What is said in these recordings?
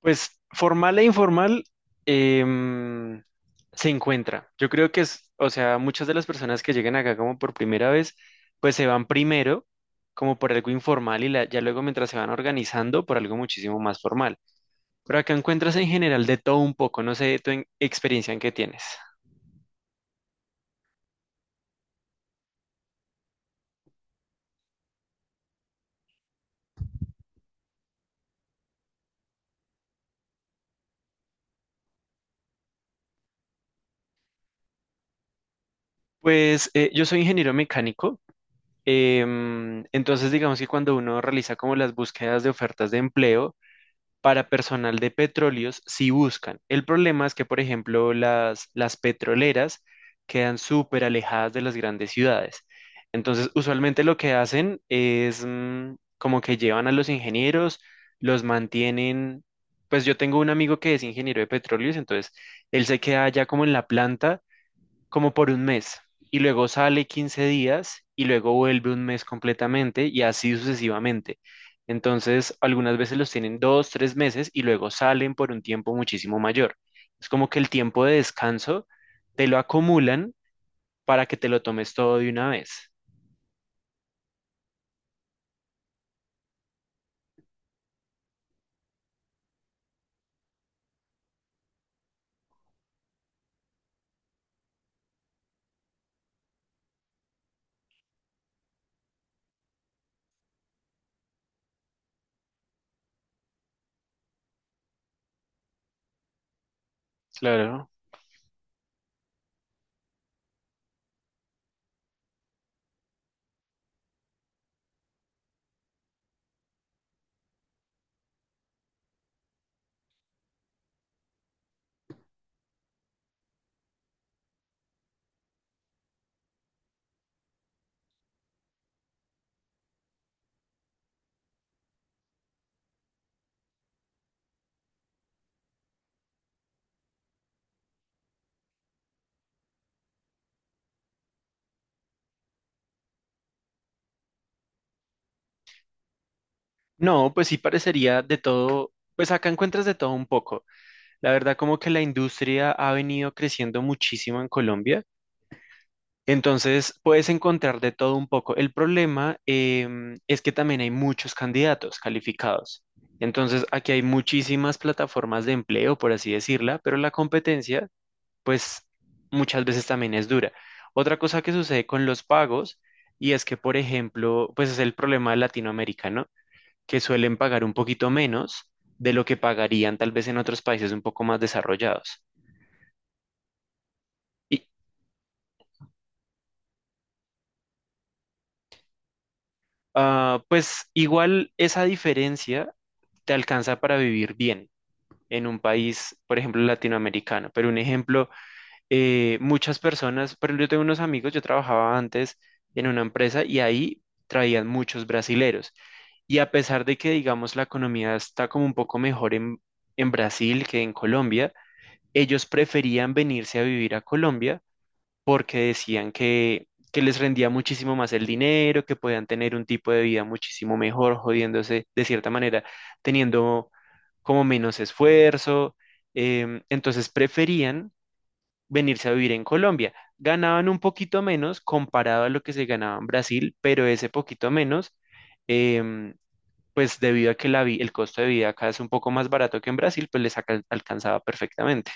Pues formal e informal em, se encuentra. Yo creo que es, o sea, muchas de las personas que llegan acá como por primera vez, pues se van primero como por algo informal y ya luego mientras se van organizando por algo muchísimo más formal. Pero acá encuentras en general de todo un poco, no sé tu experiencia en qué tienes. Pues yo soy ingeniero mecánico, entonces digamos que cuando uno realiza como las búsquedas de ofertas de empleo, para personal de petróleos si buscan. El problema es que, por ejemplo, las petroleras quedan súper alejadas de las grandes ciudades. Entonces, usualmente lo que hacen es como que llevan a los ingenieros, los mantienen. Pues yo tengo un amigo que es ingeniero de petróleos, entonces él se queda allá como en la planta como por un mes y luego sale 15 días y luego vuelve un mes completamente y así sucesivamente. Entonces, algunas veces los tienen dos, tres meses y luego salen por un tiempo muchísimo mayor. Es como que el tiempo de descanso te lo acumulan para que te lo tomes todo de una vez. Claro. No, pues sí parecería de todo, pues acá encuentras de todo un poco. La verdad como que la industria ha venido creciendo muchísimo en Colombia. Entonces, puedes encontrar de todo un poco. El problema es que también hay muchos candidatos calificados. Entonces, aquí hay muchísimas plataformas de empleo, por así decirla, pero la competencia, pues, muchas veces también es dura. Otra cosa que sucede con los pagos, y es que, por ejemplo, pues es el problema latinoamericano, que suelen pagar un poquito menos de lo que pagarían tal vez en otros países un poco más desarrollados. Y, Ah, pues igual esa diferencia te alcanza para vivir bien en un país, por ejemplo, latinoamericano. Pero un ejemplo, muchas personas, pero yo tengo unos amigos, yo trabajaba antes en una empresa y ahí traían muchos brasileros. Y a pesar de que, digamos, la economía está como un poco mejor en Brasil que en Colombia, ellos preferían venirse a vivir a Colombia porque decían que les rendía muchísimo más el dinero, que podían tener un tipo de vida muchísimo mejor, jodiéndose de cierta manera, teniendo como menos esfuerzo. Entonces preferían venirse a vivir en Colombia. Ganaban un poquito menos comparado a lo que se ganaba en Brasil, pero ese poquito menos, em, pues debido a que el costo de vida acá es un poco más barato que en Brasil, pues les alcanzaba perfectamente.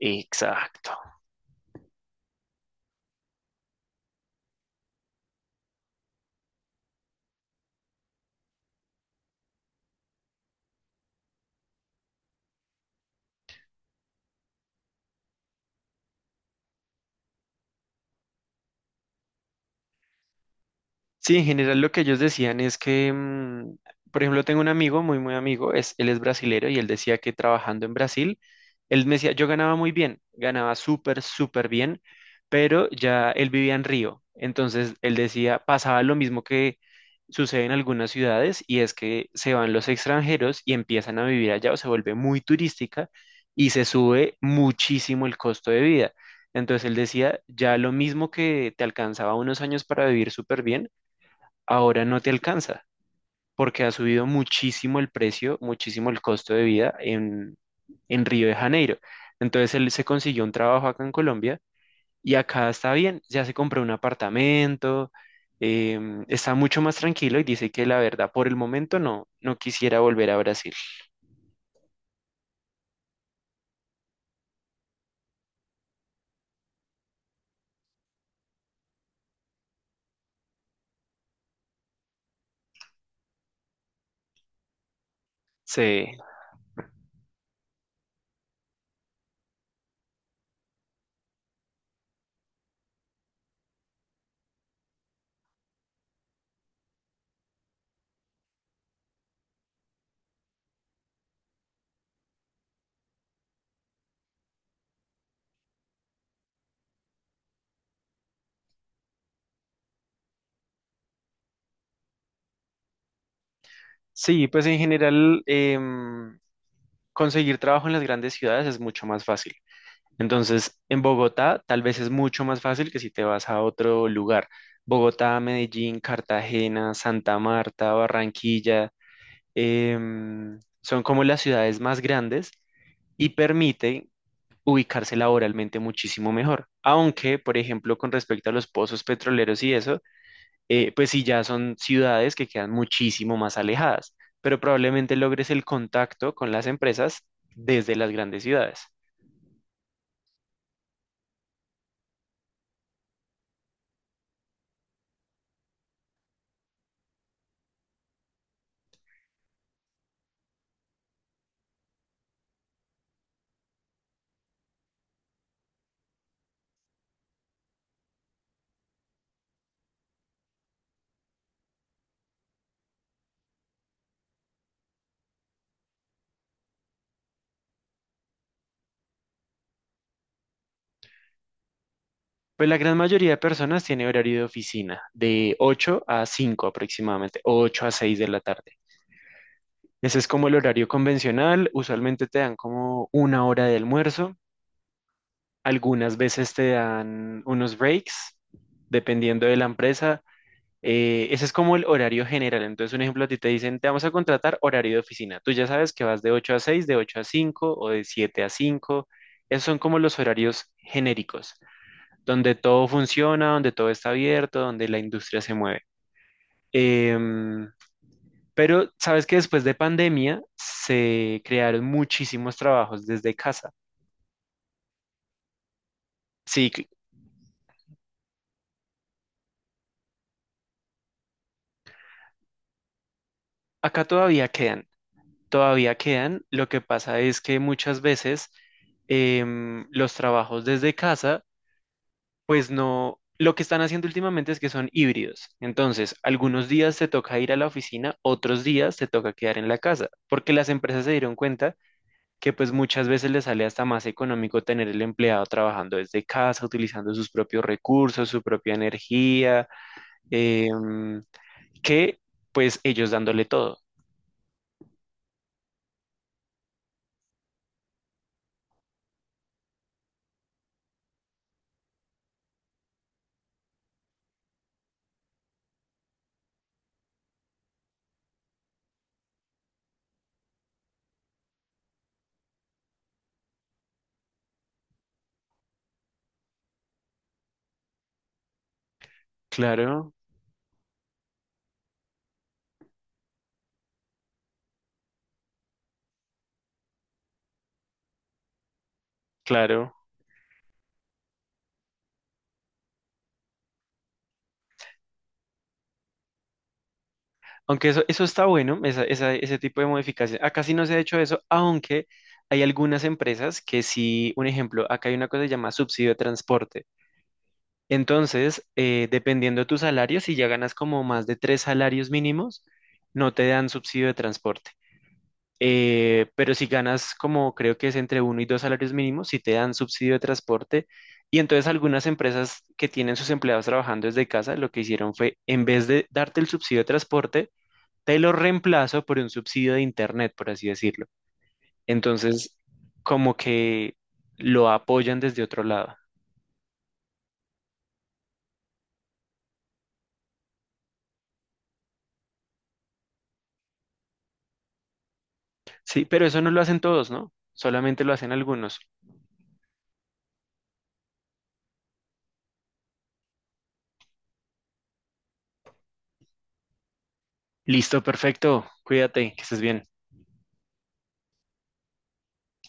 Exacto. Sí, en general lo que ellos decían es que, por ejemplo, tengo un amigo, muy, muy amigo, es, él es brasilero y él decía que trabajando en Brasil, él me decía, yo ganaba muy bien, ganaba súper, súper bien, pero ya él vivía en Río. Entonces, él decía, pasaba lo mismo que sucede en algunas ciudades y es que se van los extranjeros y empiezan a vivir allá o se vuelve muy turística y se sube muchísimo el costo de vida. Entonces, él decía, ya lo mismo que te alcanzaba unos años para vivir súper bien ahora no te alcanza porque ha subido muchísimo el precio, muchísimo el costo de vida en Río de Janeiro. Entonces él se consiguió un trabajo acá en Colombia y acá está bien, ya se compró un apartamento, está mucho más tranquilo y dice que la verdad por el momento no, no quisiera volver a Brasil. Sí, sí, pues en general conseguir trabajo en las grandes ciudades es mucho más fácil. Entonces, en Bogotá tal vez es mucho más fácil que si te vas a otro lugar. Bogotá, Medellín, Cartagena, Santa Marta, Barranquilla, son como las ciudades más grandes y permiten ubicarse laboralmente muchísimo mejor. Aunque, por ejemplo, con respecto a los pozos petroleros y eso, pues sí ya son ciudades que quedan muchísimo más alejadas, pero probablemente logres el contacto con las empresas desde las grandes ciudades. Pues la gran mayoría de personas tiene horario de oficina, de 8 a 5 aproximadamente, o 8 a 6 de la tarde. Ese es como el horario convencional, usualmente te dan como una hora de almuerzo, algunas veces te dan unos breaks, dependiendo de la empresa. Ese es como el horario general. Entonces, un ejemplo, a ti te dicen, te vamos a contratar horario de oficina. Tú ya sabes que vas de 8 a 6, de 8 a 5 o de 7 a 5. Esos son como los horarios genéricos donde todo funciona, donde todo está abierto, donde la industria se mueve. Em, pero sabes que después de pandemia se crearon muchísimos trabajos desde casa. Sí, acá todavía quedan, todavía quedan. Lo que pasa es que muchas veces los trabajos desde casa, pues no, lo que están haciendo últimamente es que son híbridos. Entonces, algunos días te toca ir a la oficina, otros días te toca quedar en la casa, porque las empresas se dieron cuenta que pues muchas veces le sale hasta más económico tener el empleado trabajando desde casa, utilizando sus propios recursos, su propia energía, em, que pues ellos dándole todo. Claro, claro. Aunque eso está bueno, ese tipo de modificación. Acá sí no se ha hecho eso, aunque hay algunas empresas que sí, un ejemplo, acá hay una cosa que se llama subsidio de transporte. Entonces, dependiendo de tu salario, si ya ganas como más de 3 salarios mínimos, no te dan subsidio de transporte. Pero si ganas como creo que es entre 1 y 2 salarios mínimos, si te dan subsidio de transporte. Y entonces algunas empresas que tienen sus empleados trabajando desde casa, lo que hicieron fue, en vez de darte el subsidio de transporte, te lo reemplazo por un subsidio de internet, por así decirlo. Entonces, como que lo apoyan desde otro lado. Sí, pero eso no lo hacen todos, ¿no? Solamente lo hacen algunos. Listo, perfecto. Cuídate, que estés bien.